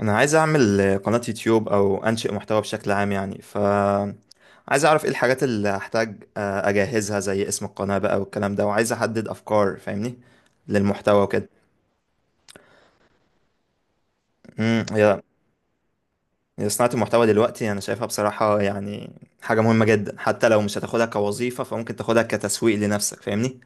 انا عايز اعمل قناة يوتيوب او انشئ محتوى بشكل عام يعني ف عايز اعرف ايه الحاجات اللي هحتاج اجهزها زي اسم القناة بقى والكلام ده، وعايز احدد افكار فاهمني للمحتوى وكده. هي هي صناعة المحتوى دلوقتي انا شايفها بصراحة، يعني حاجة مهمة جدا حتى لو مش هتاخدها كوظيفة فممكن تاخدها كتسويق لنفسك فاهمني.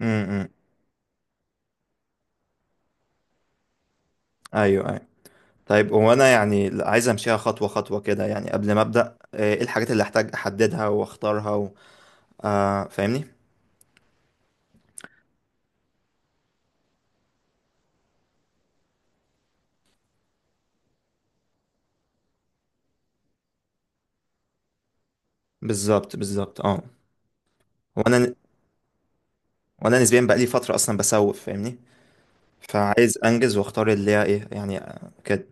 امم، ايوه ايوه. طيب، هو انا يعني عايز امشيها خطوة خطوة كده، يعني قبل ما ابدا ايه الحاجات اللي احتاج احددها واختارها فاهمني. بالظبط بالظبط، اه. وانا وانا نسبيا بقى لي فتره اصلا بسوف فاهمني، فعايز انجز واختار اللي هي ايه يعني، كده.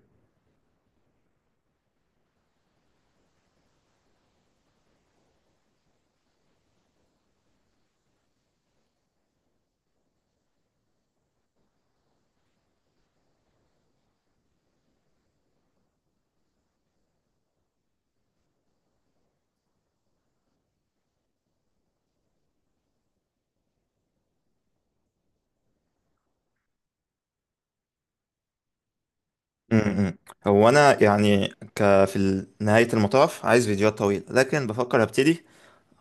م- م. هو انا يعني، ك في نهايه المطاف عايز فيديوهات طويله، لكن بفكر ابتدي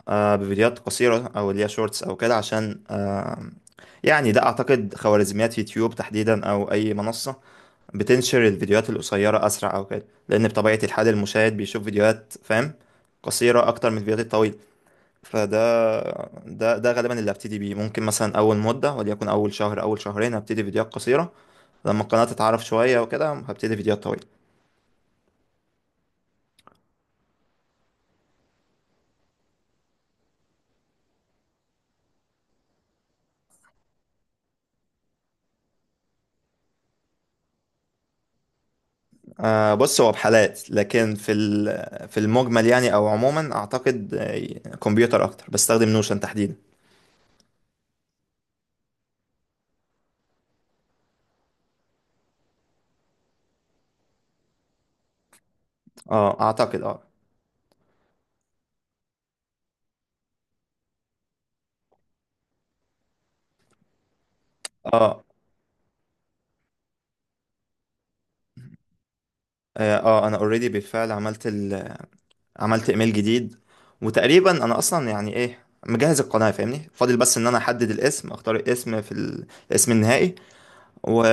بفيديوهات قصيره او اللي هي شورتس او كده، عشان يعني ده اعتقد خوارزميات يوتيوب تحديدا، او اي منصه بتنشر الفيديوهات القصيره اسرع او كده، لان بطبيعه الحال المشاهد بيشوف فيديوهات فاهم، قصيره اكتر من الفيديوهات الطويله. فده ده ده غالبا اللي هبتدي بيه. ممكن مثلا اول مده وليكن اول شهر اول شهرين هبتدي فيديوهات قصيره، لما القناه تتعرف شويه وكده هبتدي فيديوهات طويله. بص، هو بحالات لكن في في المجمل يعني او عموما اعتقد كمبيوتر اكتر، بستخدم نوشن تحديدا. اه، اعتقد اه. اه انا اوريدي بالفعل عملت عملت ايميل جديد. وتقريبا انا اصلا يعني ايه مجهز القناه فاهمني، فاضل بس ان انا احدد الاسم، اختار الاسم في الاسم النهائي. و...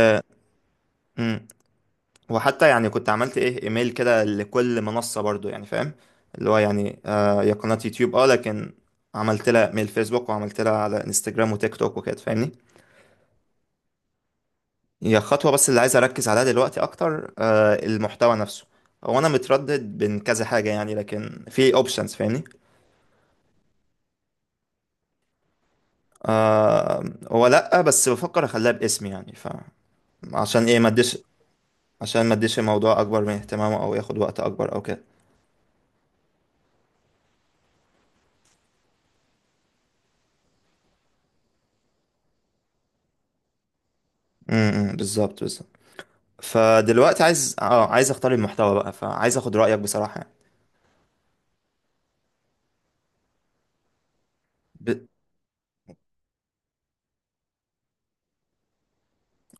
وحتى يعني كنت عملت ايه ايميل كده لكل منصة برضو، يعني فاهم اللي هو يعني يا قناة يوتيوب لكن عملت لها ايميل فيسبوك وعملت لها على انستجرام وتيك توك وكده فاهمني. هي خطوة، بس اللي عايز اركز عليها دلوقتي اكتر المحتوى نفسه. هو انا متردد بين كذا حاجة يعني، لكن في اوبشنز فاهمني. آه هو لا، بس بفكر اخليها باسمي يعني ف عشان ايه ما اديش، عشان ما اديش الموضوع اكبر من اهتمامه او ياخد وقت اكبر او كده. بالظبط بالظبط. فدلوقتي عايز عايز اختار المحتوى بقى، فعايز اخد رأيك بصراحة يعني. ب...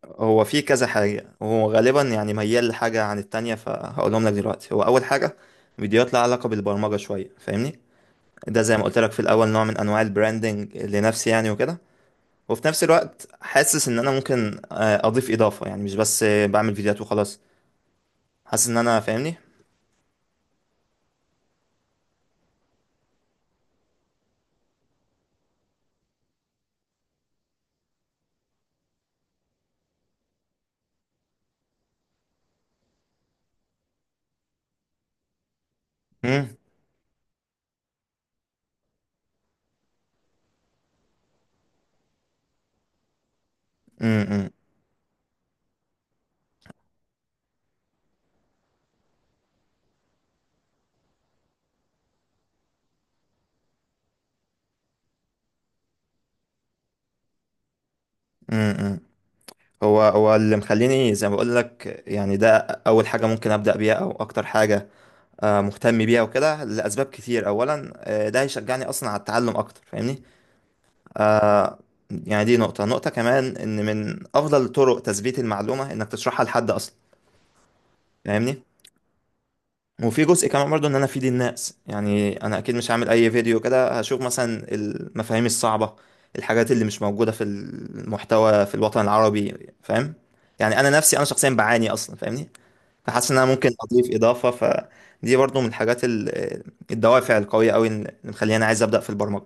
هو في كذا حاجة، وهو غالبا يعني ميال لحاجة عن التانية، فهقولهم لك دلوقتي. هو أول حاجة فيديوهات لها علاقة بالبرمجة شوية فاهمني، ده زي ما قلت لك في الأول نوع من أنواع البراندنج لنفسي يعني وكده. وفي نفس الوقت حاسس إن أنا ممكن أضيف إضافة، يعني مش بس بعمل فيديوهات وخلاص، حاسس إن أنا فاهمني. مم، مم، مم، مم، مم. هو هو اللي مخليني زي ما بقول لك يعني، ده أول حاجة ممكن أبدأ بيها أو أكتر حاجة مهتم بيها وكده لأسباب كتير. أولا ده هيشجعني أصلا على التعلم أكتر فاهمني. آه، يعني دي نقطة، نقطة كمان إن من أفضل طرق تثبيت المعلومة إنك تشرحها لحد أصلا فاهمني. وفي جزء كمان برضو إن أنا أفيد الناس، يعني أنا أكيد مش هعمل أي فيديو كده، هشوف مثلا المفاهيم الصعبة، الحاجات اللي مش موجودة في المحتوى في الوطن العربي فاهم. يعني أنا نفسي أنا شخصيا بعاني أصلا فاهمني، فحاسس ان انا ممكن اضيف اضافه. فدي برضو من الحاجات الدوافع القويه قوي اللي مخليني عايز ابدا في البرمجه.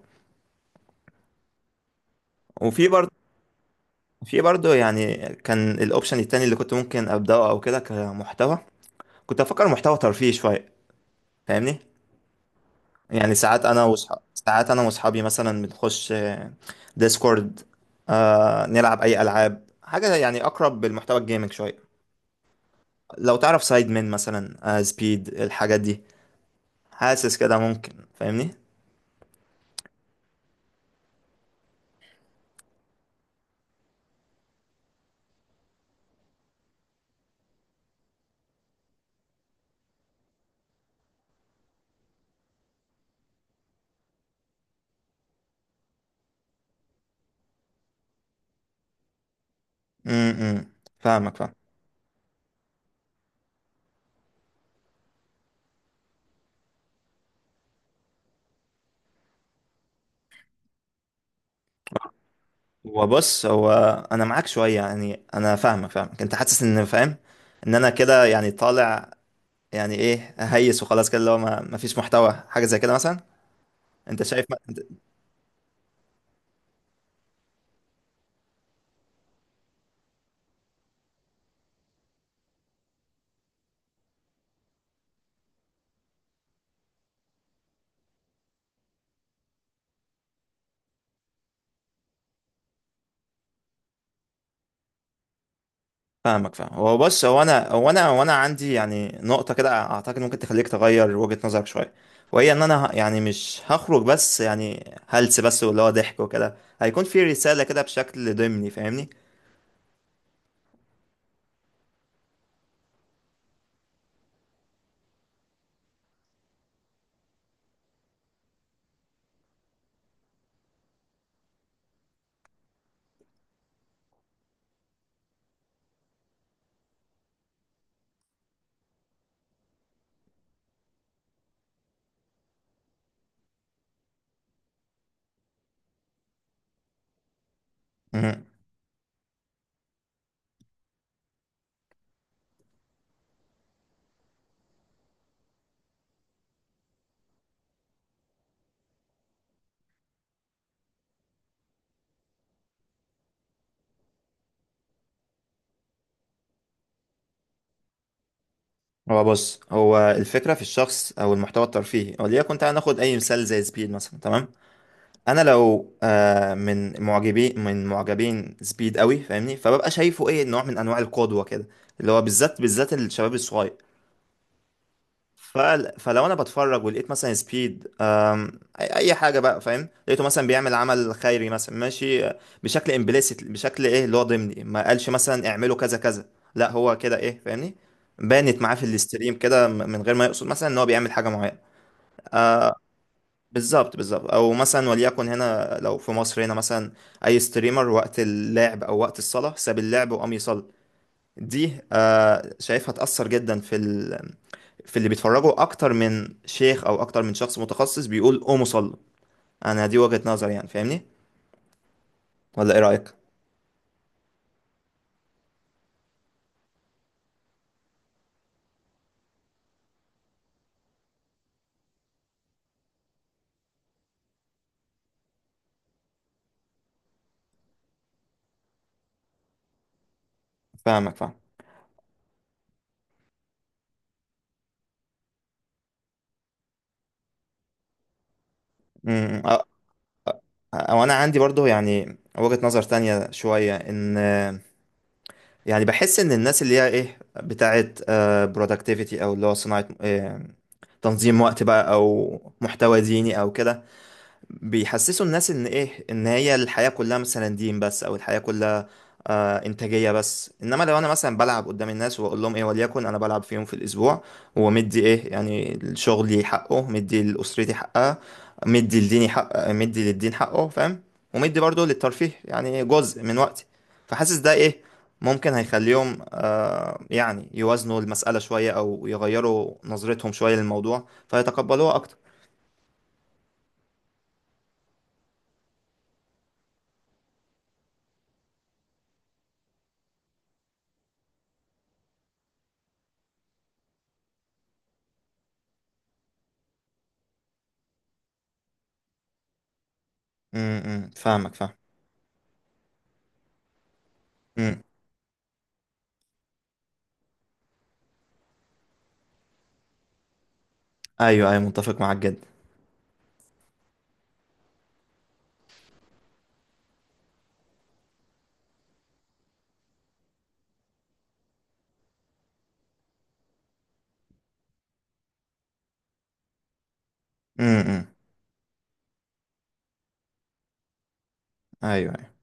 وفي برضو يعني كان الاوبشن التاني اللي كنت ممكن ابداه او كده كمحتوى، كنت افكر محتوى ترفيهي شويه فاهمني. يعني ساعات انا وصحابي، ساعات انا واصحابي مثلا بنخش ديسكورد، نلعب اي العاب حاجه، يعني اقرب بالمحتوى الجيمنج شويه، لو تعرف سايد من مثلا سبيد الحاجات دي. حاسس كده ممكن فاهمني. امم فاهمك فاهمك. هو بص، هو انا معاك شويه، يعني انا فاهمك فاهمك، انت حاسس ان فاهم ان انا كده يعني طالع، يعني ايه هيس وخلاص كده، اللي هو ما ما فيش محتوى حاجه زي كده مثلا. انت شايف ما... أنت- فاهمك فاهم. هو بص، هو انا عندي يعني نقطه كده اعتقد ممكن تخليك تغير وجهه نظرك شويه، وهي ان انا يعني مش هخرج بس يعني هلس بس واللي هو ضحك وكده، هيكون في رساله كده بشكل ضمني فاهمني. هو بص، هو الفكرة في الشخص أو المحتوى الترفيهي، وليكن تعالى ناخد أي مثال زي سبيد مثلا، تمام. أنا لو من معجبين سبيد قوي فاهمني، فببقى شايفه إيه نوع من أنواع القدوة كده، اللي هو بالذات بالذات الشباب الصغير. ف... فلو انا بتفرج ولقيت مثلا سبيد اي حاجه بقى فاهم، لقيته مثلا بيعمل عمل خيري مثلا، ماشي بشكل امبليسيت، بشكل ايه اللي هو ضمني، ما قالش مثلا اعملوا كذا كذا، لا هو كده ايه فاهمني، بانت معاه في الاستريم كده من غير ما يقصد مثلا ان هو بيعمل حاجه معينه. بالظبط بالظبط، او مثلا وليكن هنا لو في مصر هنا مثلا اي ستريمر وقت اللعب او وقت الصلاه ساب اللعب وقام يصلي، دي شايفها تأثر جدا في في اللي بيتفرجوا أكتر من شيخ أو أكتر من شخص متخصص بيقول قوموا صلوا. أنا دي وجهة نظري يعني فاهمني، ولا إيه رأيك؟ فاهمك فاهم. أمم، أ- وأنا عندي برضو يعني وجهة نظر تانية شوية، إن يعني بحس إن الناس اللي هي إيه بتاعت برودكتيفيتي، أو اللي هو صناعة تنظيم وقت بقى، أو محتوى ديني أو كده، بيحسسوا الناس ان ايه، ان هي الحياة كلها مثلا دين بس، او الحياة كلها انتاجية بس. انما لو انا مثلا بلعب قدام الناس وبقول لهم ايه، وليكن انا بلعب في يوم في الاسبوع، ومدي ايه يعني شغلي حقه، مدي لاسرتي حقها، مدي لديني حق، مدي للدين حقه فاهم، ومدي برضه للترفيه يعني جزء من وقتي. فحاسس ده ايه، ممكن هيخليهم يعني يوازنوا المسألة شوية او يغيروا نظرتهم شوية للموضوع فيتقبلوها اكتر. فاهمك فاهم. ايوه ايوه، متفق معاك جدا. امم ايوه أيوة.